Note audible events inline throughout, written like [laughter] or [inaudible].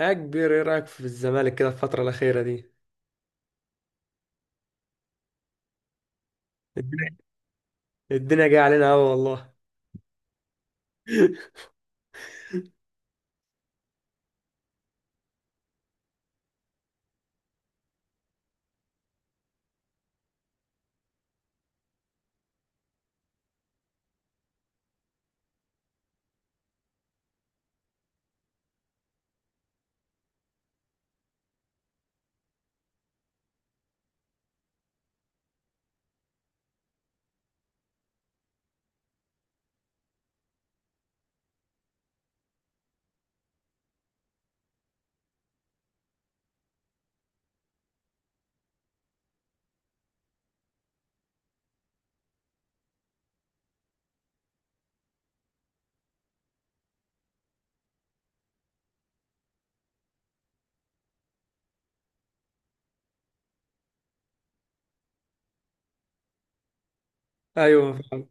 يا كبير، ايه رايك في الزمالك كده الفتره الاخيره دي؟ الدنيا [laughs] الدنيا جايه علينا قوي والله. [laughs] ايوه فعلا.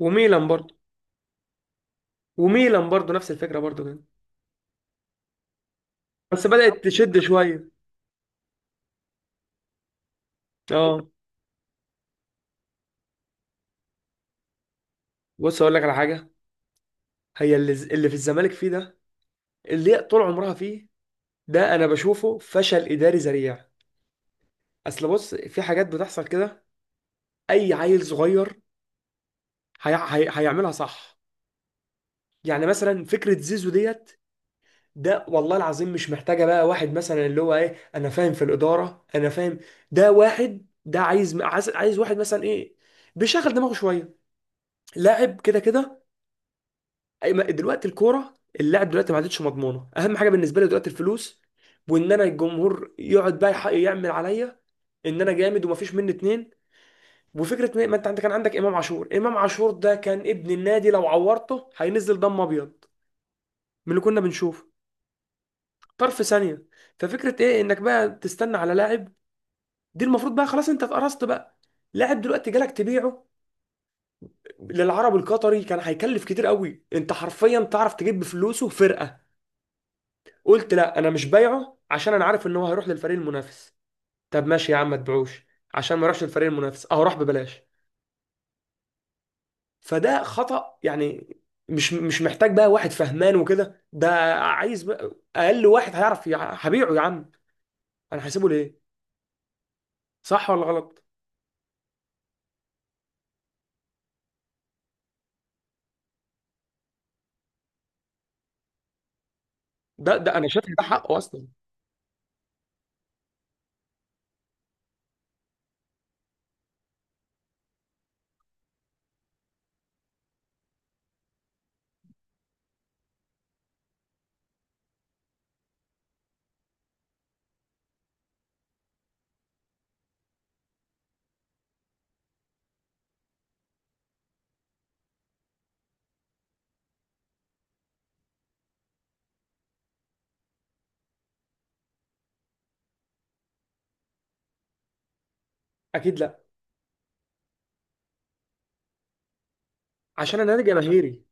وميلان برضه. وميلان برضه نفس الفكره برضه كده. بس بدات تشد شويه. اه، بص اقول لك على حاجه. هي اللي في الزمالك فيه ده، اللي هي طول عمرها فيه، ده انا بشوفه فشل اداري ذريع. اصل بص في حاجات بتحصل كده. اي عيل صغير هيعملها صح. يعني مثلا فكره زيزو ديت، ده والله العظيم مش محتاجة بقى واحد مثلا اللي هو ايه انا فاهم في الإدارة انا فاهم. ده واحد ده عايز عايز واحد مثلا ايه، بيشغل دماغه شوية، لاعب كده كده. دلوقتي الكورة، اللاعب دلوقتي ما عادتش مضمونة، اهم حاجة بالنسبة لي دلوقتي الفلوس. وان انا الجمهور يقعد بقى يعمل عليا ان انا جامد ومفيش مني اتنين. وفكرة ما انت عندك، كان عندك امام عاشور. امام عاشور ده كان ابن النادي، لو عورته هينزل دم ابيض من اللي كنا بنشوفه طرف ثانية. ففكرة ايه انك بقى تستنى على لاعب؟ دي المفروض بقى خلاص انت اتقرصت بقى. لاعب دلوقتي جالك تبيعه للعرب القطري، كان هيكلف كتير قوي، انت حرفيا تعرف تجيب بفلوسه فرقة. قلت لا انا مش بايعه عشان انا عارف ان هو هيروح للفريق المنافس. طب ماشي يا عم ما تبيعوش عشان ما يروحش للفريق المنافس، اه راح ببلاش. فده خطأ يعني. مش محتاج بقى واحد فهمان وكده، ده عايز بقى اقل واحد هيعرف هبيعه يا عم، انا هسيبه ليه؟ صح ولا غلط؟ ده انا شايف إن ده حقه اصلا. اكيد لا، عشان انا نادي جماهيري.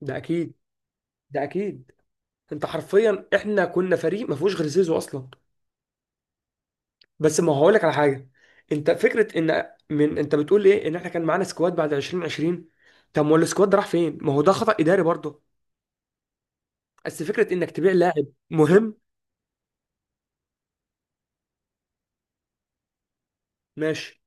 ده اكيد. ده اكيد. انت حرفيا احنا كنا فريق ما فيهوش غير زيزو اصلا. بس ما هو هقول لك على حاجه. انت فكره ان من انت بتقول ايه، ان احنا كان معانا سكواد بعد 2020. طب ما هو السكواد ده راح فين؟ ما هو ده خطأ اداري برضه. بس فكره انك تبيع لاعب مهم. ماشي.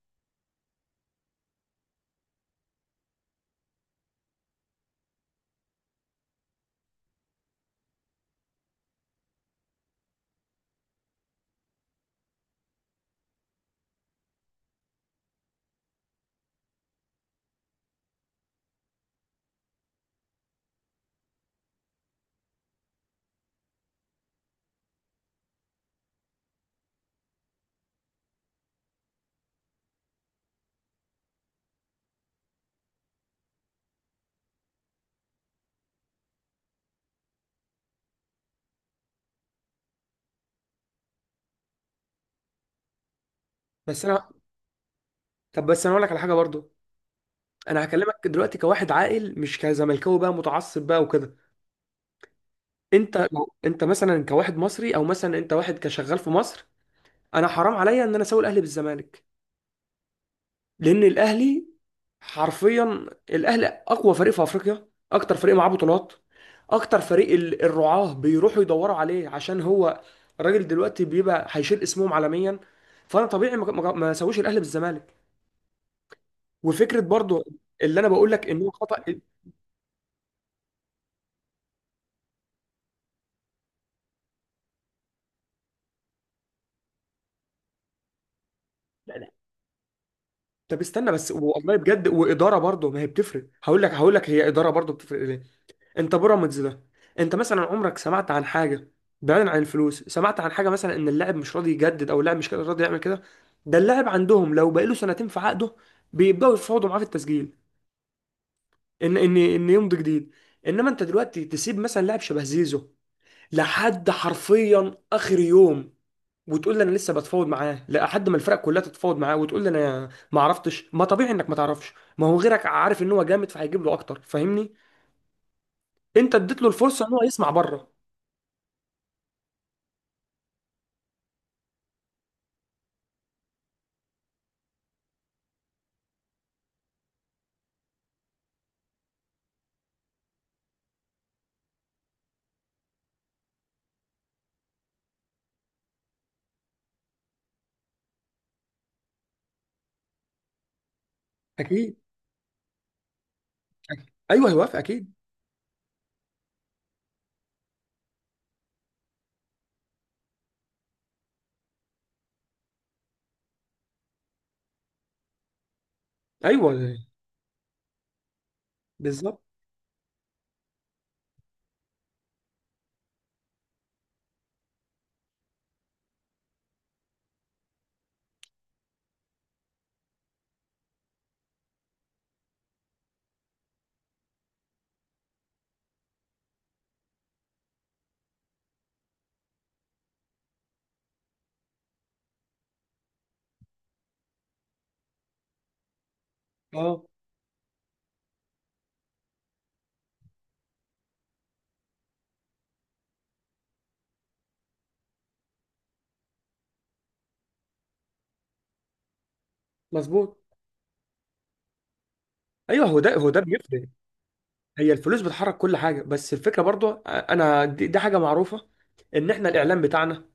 بس انا طب بس انا اقول لك على حاجه برضه. انا هكلمك دلوقتي كواحد عاقل مش كزملكاوي بقى متعصب بقى وكده. انت لو انت مثلا كواحد مصري او مثلا انت واحد كشغال في مصر، انا حرام عليا ان انا اسوي الاهلي بالزمالك. لان الاهلي حرفيا، الاهلي اقوى فريق في افريقيا، اكتر فريق معاه بطولات، اكتر فريق الرعاة بيروحوا يدوروا عليه، عشان هو الراجل دلوقتي بيبقى هيشيل اسمهم عالميا. فانا طبيعي ما اسويش الاهلي بالزمالك. وفكره برضو اللي انا بقول لك ان هو خطأ. لا طب استنى بس، والله بجد، واداره برضو ما هي بتفرق. هقول لك هي اداره برضو بتفرق ليه. انت بيراميدز ده، انت مثلا عمرك سمعت عن حاجه، بعيدا عن الفلوس، سمعت عن حاجه مثلا ان اللاعب مش راضي يجدد او اللاعب مش راضي يعمل كده؟ ده اللاعب عندهم لو بقاله سنتين في عقده بيبداوا يفاوضوا معاه في التسجيل، ان يمضي جديد. انما انت دلوقتي تسيب مثلا لاعب شبه زيزو لحد حرفيا اخر يوم، وتقول لي انا لسه بتفاوض معاه لحد ما الفرق كلها تتفاوض معاه، وتقول لي انا ما عرفتش، ما طبيعي انك ما تعرفش، ما هو غيرك عارف ان هو جامد فهيجيب له اكتر، فاهمني؟ انت اديت له الفرصه ان هو يسمع بره. اكيد. ايوه هيوافق اكيد. ايوه. بالظبط. اه. مظبوط. ايوه هو ده، هو ده بيفرق. هي الفلوس بتحرك كل حاجه، بس الفكره برضو انا دي حاجه معروفه، ان احنا الاعلام بتاعنا،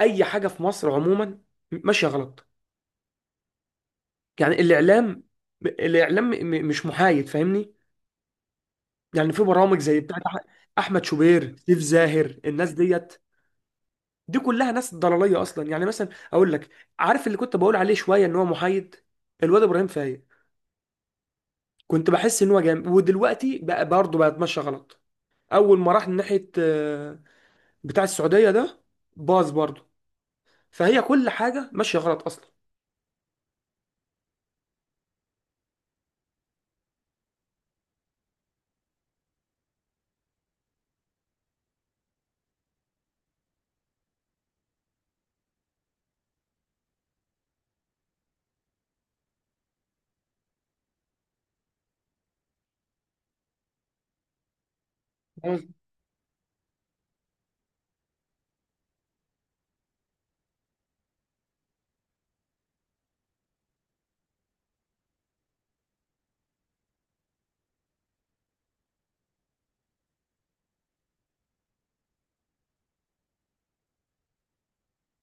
اي حاجه في مصر عموما ماشيه غلط. يعني الاعلام، الاعلام مش محايد، فاهمني؟ يعني في برامج زي بتاعت احمد شوبير، سيف زاهر، الناس ديت، دي كلها ناس ضلاليه اصلا. يعني مثلا اقول لك، عارف اللي كنت بقول عليه شويه ان هو محايد، الواد ابراهيم فايق، كنت بحس ان هو جامد، ودلوقتي بقى برضه بقى اتمشى غلط. اول ما راح ناحيه بتاع السعوديه ده باظ برضه. فهي كل حاجه ماشيه غلط اصلا. خلاص.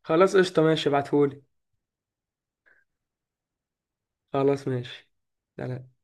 خلاص قشطة، ماشي ابعتهولي. خلاص ماشي. سلام.